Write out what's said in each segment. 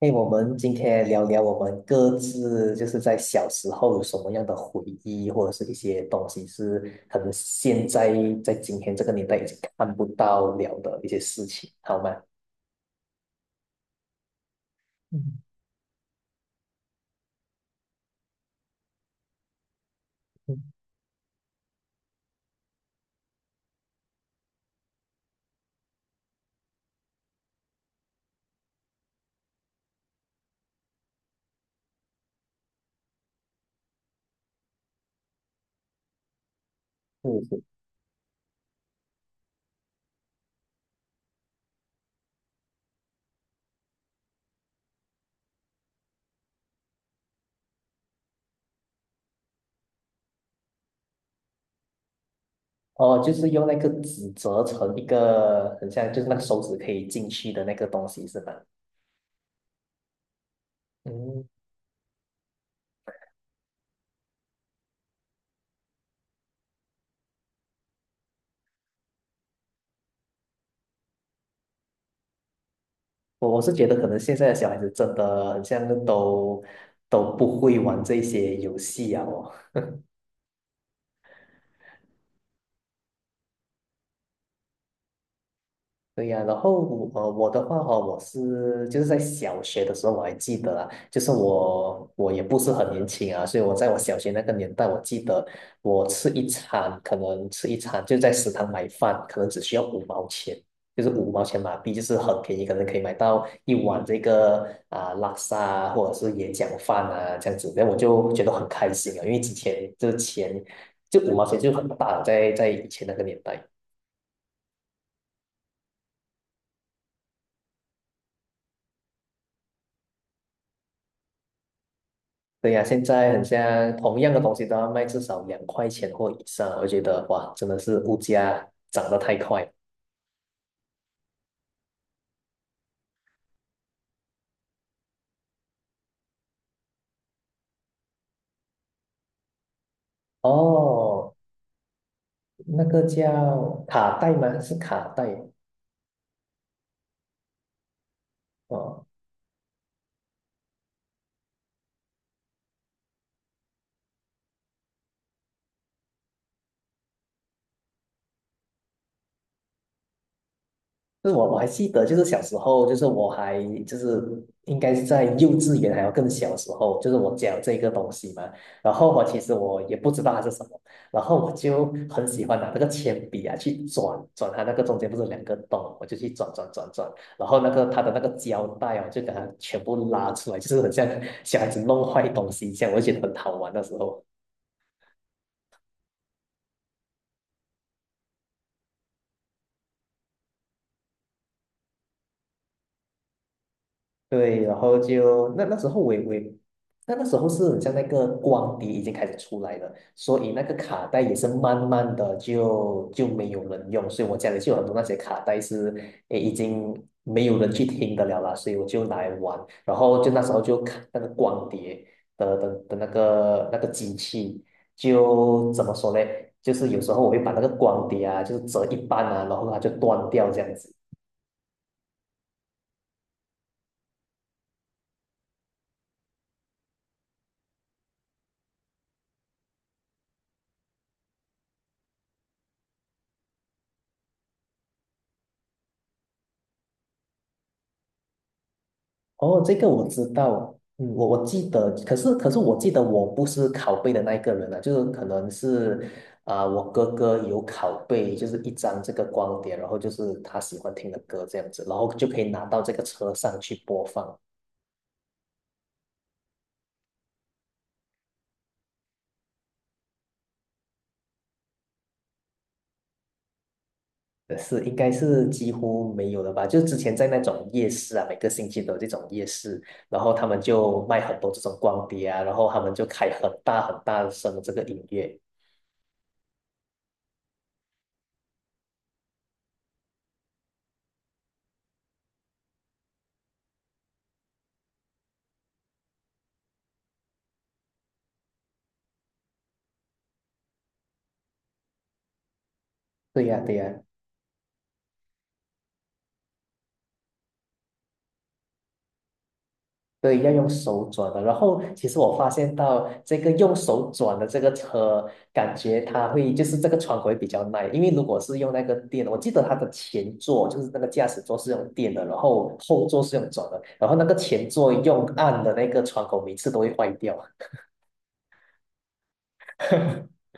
哎，我们今天聊聊我们各自就是在小时候有什么样的回忆，或者是一些东西是可能现在在今天这个年代已经看不到了的一些事情，好吗？嗯嗯是是。哦，就是用那个纸折成一个很像，就是那个手指可以进去的那个东西，是吧？嗯，我是觉得可能现在的小孩子真的很像都不会玩这些游戏啊，哦对呀，然后我的话哦，我是就是在小学的时候我还记得啊，就是我也不是很年轻啊，所以我在我小学那个年代，我记得我吃一餐可能吃一餐就在食堂买饭，可能只需要五毛钱，就是五毛钱马币，就是很便宜，可能可以买到一碗这个啊、拉萨啊或者是椰讲饭啊这样子，那我就觉得很开心啊，因为之前这钱就五毛钱就很大了，在以前那个年代。对呀，现在很像同样的东西都要卖至少两块钱或以上，我觉得哇，真的是物价涨得太快了。哦，那个叫卡带吗？是卡带。哦，就是我还记得，就是小时候，就是应该是在幼稚园还要更小时候，就是我教这个东西嘛，然后我其实也不知道它是什么，然后我就很喜欢拿那个铅笔啊去转转它，那个中间不是有两个洞，我就去转，然后那个它的那个胶带啊，就给它全部拉出来，就是很像小孩子弄坏东西一样，我就觉得很好玩的时候。对，然后就那时候是很像那个光碟已经开始出来了，所以那个卡带也是慢慢的就没有人用，所以我家里就有很多那些卡带是诶已经没有人去听的了啦，所以我就拿来玩，然后就那时候就看那个光碟的那个机器，就怎么说呢？就是有时候我会把那个光碟啊，就是折一半啊，然后它就断掉这样子。哦，这个我知道，嗯，我记得，可是我记得我不是拷贝的那一个人啊，就是可能是啊、我哥哥有拷贝，就是一张这个光碟，然后就是他喜欢听的歌这样子，然后就可以拿到这个车上去播放。呃，是应该是几乎没有了吧？就之前在那种夜市啊，每个星期都有这种夜市，然后他们就卖很多这种光碟啊，然后他们就开很大声的这个音乐。对呀、对呀、对，要用手转的。然后，其实我发现到这个用手转的这个车，感觉它会就是这个窗口会比较耐，因为如果是用那个电，我记得它的前座就是那个驾驶座是用电的，然后后座是用转的，然后那个前座用按的那个窗口每次都会坏掉。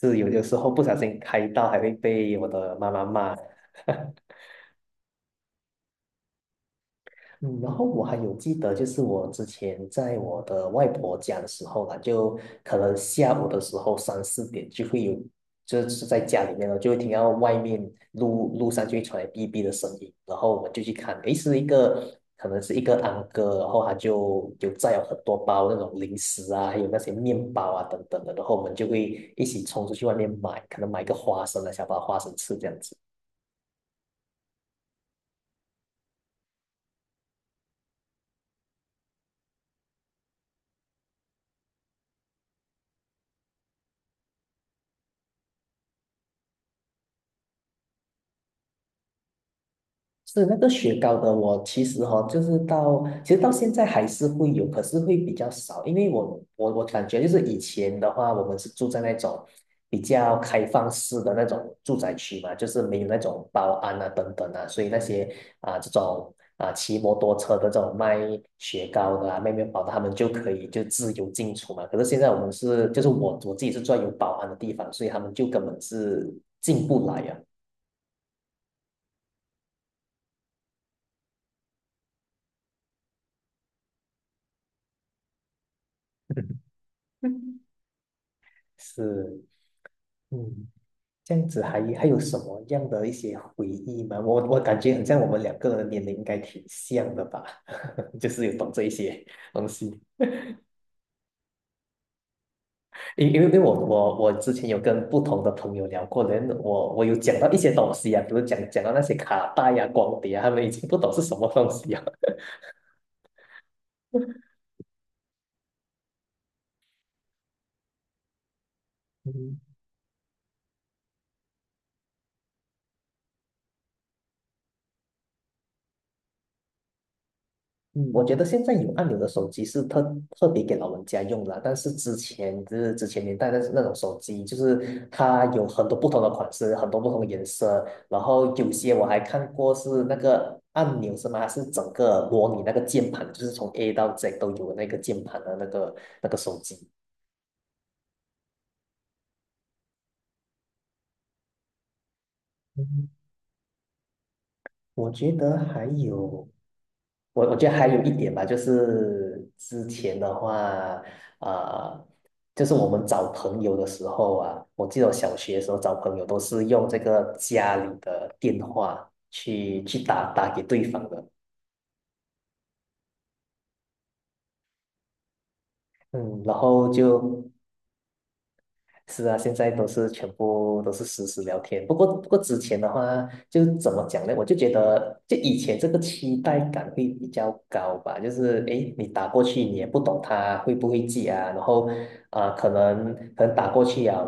是有的时候不小心开到还会被我的妈妈骂。嗯，然后我还有记得，就是我之前在我的外婆家的时候啦，就可能下午的时候三四点就会有，就是在家里面呢，就会听到外面路上就会传来哔哔的声音，然后我们就去看，诶，是一个可能是一个安哥，然后他就有载有很多包那种零食啊，还有那些面包啊等等的，然后我们就会一起冲出去外面买，可能买个花生啊，想把花生吃这样子。是那个雪糕的，我其实哈、哦，就是其实到现在还是会有，可是会比较少，因为我我感觉就是以前的话，我们是住在那种比较开放式的那种住宅区嘛，就是没有那种保安啊等等啊，所以那些啊、这种啊、骑摩托车的这种卖雪糕的啊、卖面包的，他们就可以就自由进出嘛。可是现在我们是就是我自己是住在有保安的地方，所以他们就根本是进不来呀。是，嗯。这样子还有什么样的一些回忆吗？我感觉很像我们两个人的年龄应该挺像的吧，就是有懂这一些东西。因为我之前有跟不同的朋友聊过，我有讲到一些东西啊，比如讲到那些卡带呀、光碟啊，他们已经不懂是什么东西啊。嗯嗯，我觉得现在有按钮的手机是特别给老人家用的，但是之前年代的那种手机，就是它有很多不同的款式，很多不同的颜色，然后有些我还看过是那个按钮是吗？它是整个模拟那个键盘，就是从 A 到 Z 都有的那个键盘的那个手机。我觉得还有，我我觉得还有一点吧，就是之前的话，呃，就是我们找朋友的时候啊，我记得我小学的时候找朋友都是用这个家里的电话去打给对方的。嗯，然后就是啊，现在都是全部都是实时聊天。不过，之前的话，就怎么讲呢？我就觉得，就以前这个期待感会比较高吧。就是，诶，你打过去，你也不懂他会不会记啊。然后，啊、可能打过去啊，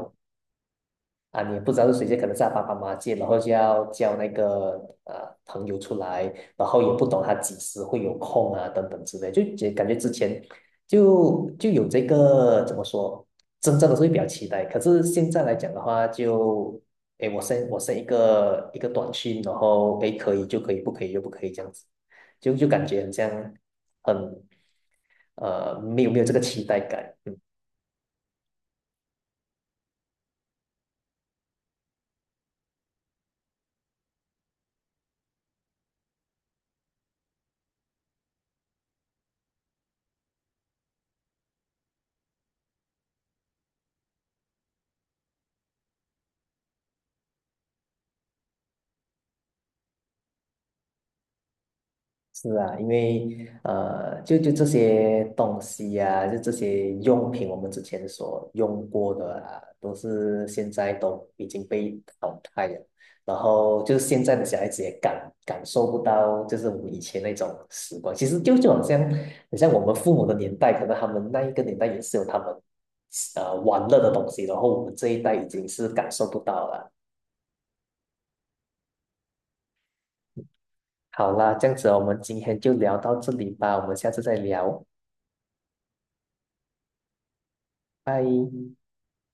啊，你不知道是谁借，可能是他爸爸妈妈借，然后就要叫那个呃朋友出来，然后也不懂他几时会有空啊，等等之类，就感觉之前就有这个怎么说，真正的是会比较期待，可是现在来讲的话就，诶，我 一个短信，然后诶可以就可以，不可以就不可以这样子，就感觉很像很没有这个期待感，是啊，因为，就这些东西呀、就这些用品，我们之前所用过的啊，都是现在都已经被淘汰了。然后就是现在的小孩子也感受不到，就是我们以前那种时光。其实就好像，很像我们父母的年代，可能他们那一个年代也是有他们玩乐的东西，然后我们这一代已经是感受不到了。好啦，这样子我们今天就聊到这里吧，我们下次再聊，拜。